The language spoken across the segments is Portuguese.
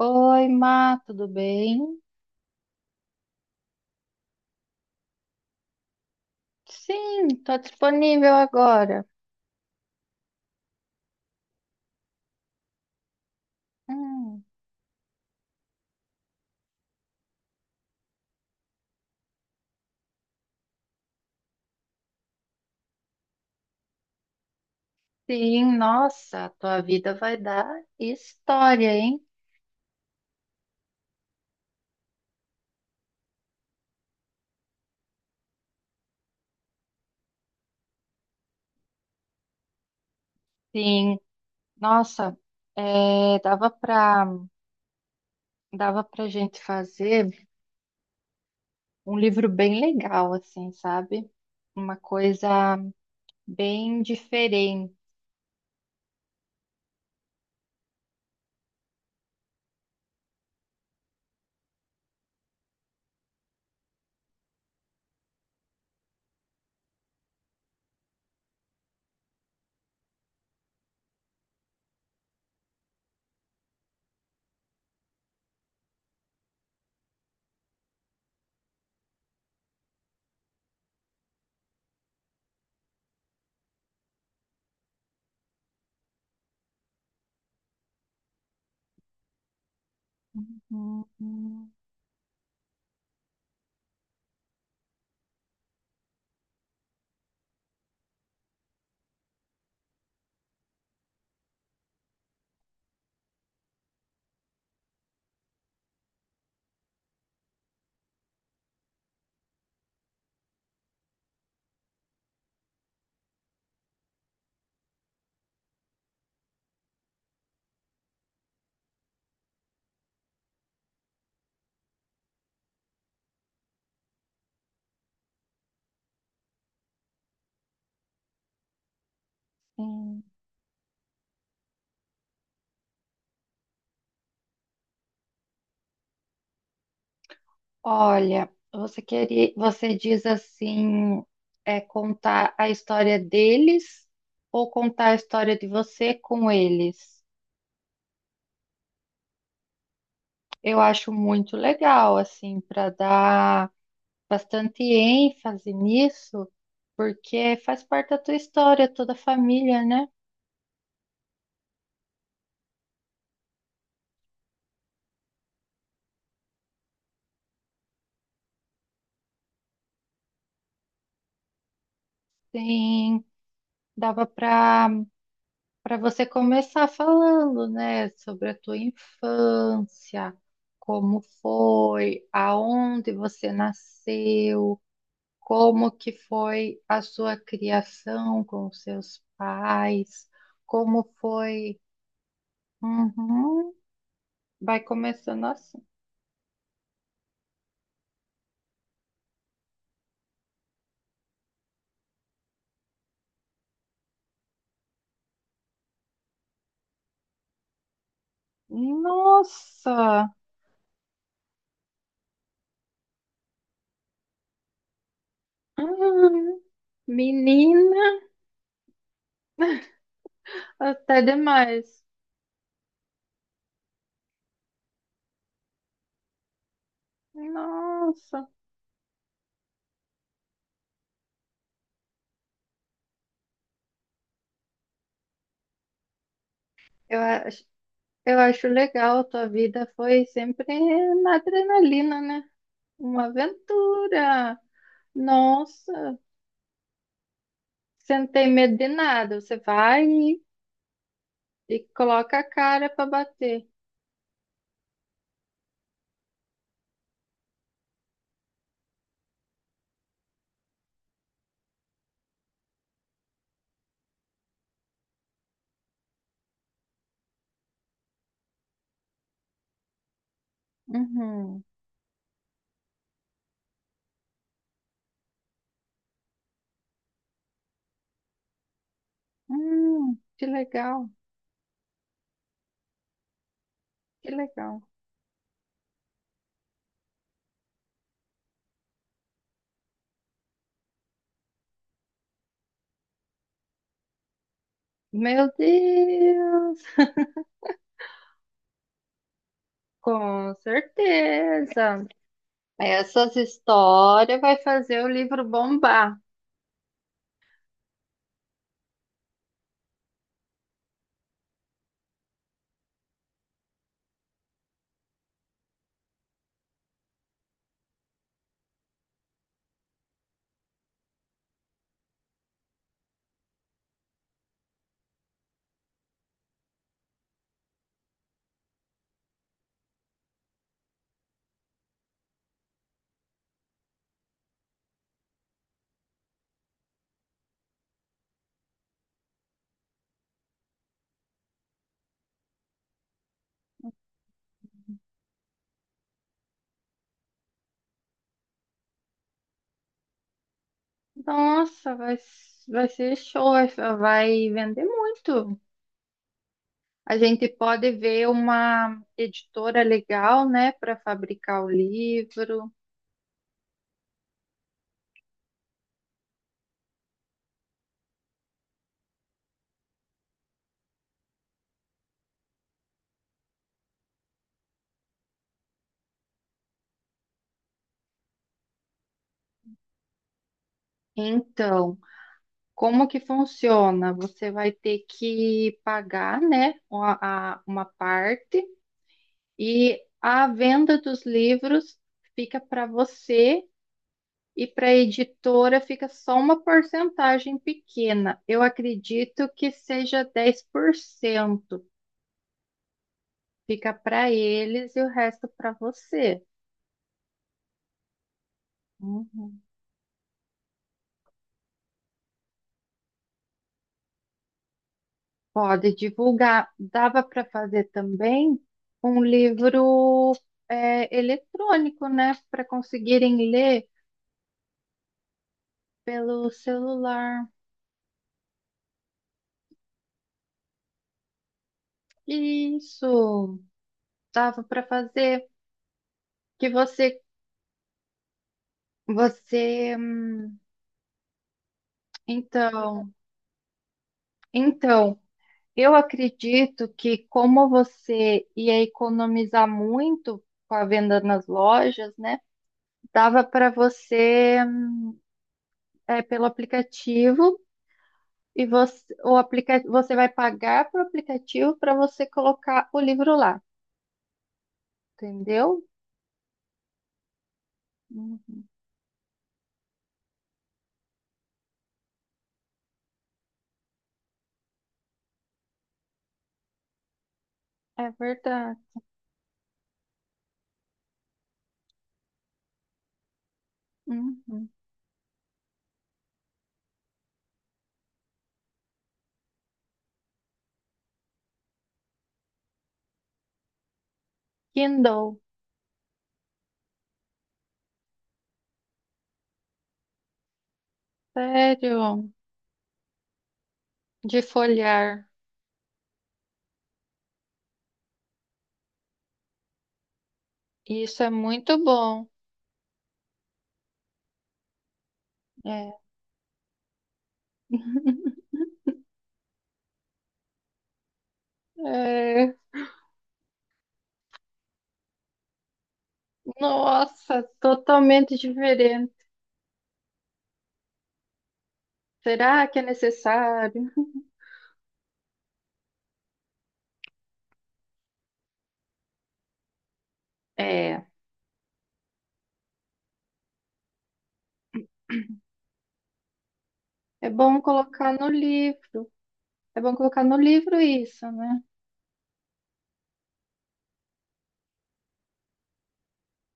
Oi, Má, tudo bem? Sim, estou disponível agora. Hum, sim, nossa, a tua vida vai dar história, hein? Sim, nossa, é, dava para gente fazer um livro bem legal, assim, sabe? Uma coisa bem diferente. Uhum, sim. Olha, você queria, você diz assim, é contar a história deles ou contar a história de você com eles? Eu acho muito legal, assim, para dar bastante ênfase nisso, porque faz parte da tua história, toda a família, né? Sim, dava para você começar falando, né, sobre a tua infância, como foi, aonde você nasceu, como que foi a sua criação com os seus pais, como foi. Uhum. Vai começando assim. Nossa. Hum, menina, até demais. Nossa, eu acho eu acho legal, a tua vida foi sempre na adrenalina, né? Uma aventura. Nossa, você não tem medo de nada, você vai e coloca a cara para bater. Uhum. Que legal, que legal. Meu Deus, com certeza. Essas histórias vai fazer o livro bombar. Nossa, vai, vai ser show, vai vai vender muito. A gente pode ver uma editora legal, né, para fabricar o livro. Então, como que funciona? Você vai ter que pagar, né, uma, a- uma parte e a venda dos livros fica para você e para a editora fica só uma porcentagem pequena. Eu acredito que seja 10%. Fica para eles e o resto para você. Uhum. Pode divulgar. Dava para fazer também um livro é, eletrônico, né? Para conseguirem ler pelo celular. Isso, dava para fazer. Que você, você, então, então, eu acredito que como você ia economizar muito com a venda nas lojas, né? Dava para você é, pelo aplicativo. E você, o aplica, você vai pagar para o aplicativo para você colocar o livro lá, entendeu? Uhum. É verdade. Uhum. Kindle, sério, de folhear. Isso é muito bom. É. É. Nossa, totalmente diferente. Será que é necessário? É, é bom colocar no livro. É bom colocar no livro isso, né?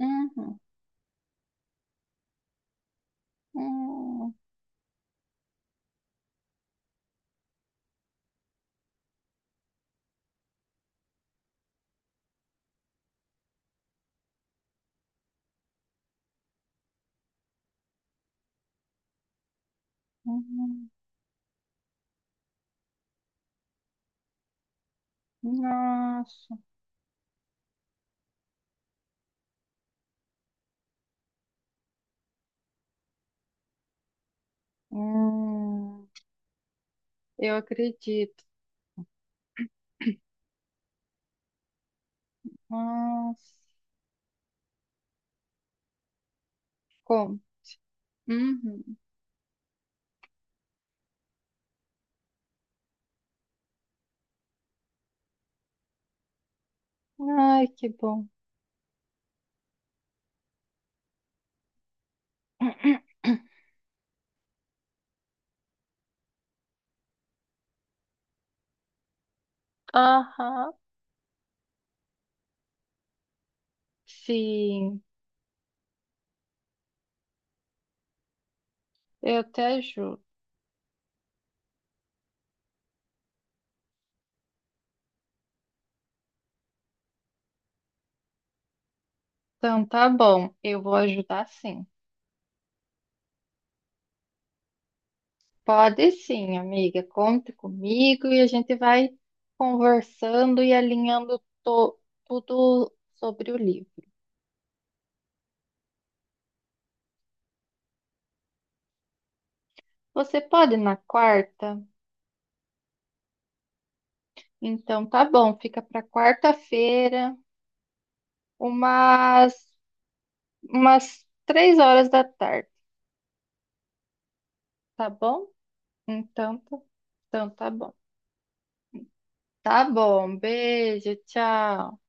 Uhum. Uhum. Uhum. Nossa. Hum, eu acredito. Nossa, como? Uhum. Ai, que bom. Aham, sim, eu te ajudo. Então tá bom, eu vou ajudar sim. Pode sim, amiga, conte comigo e a gente vai conversando e alinhando to- tudo sobre o livro. Você pode na quarta? Então tá bom, fica para quarta-feira, umas umas 3 horas da tarde, tá bom? Então, tá- então tá bom. Tá bom, beijo, tchau.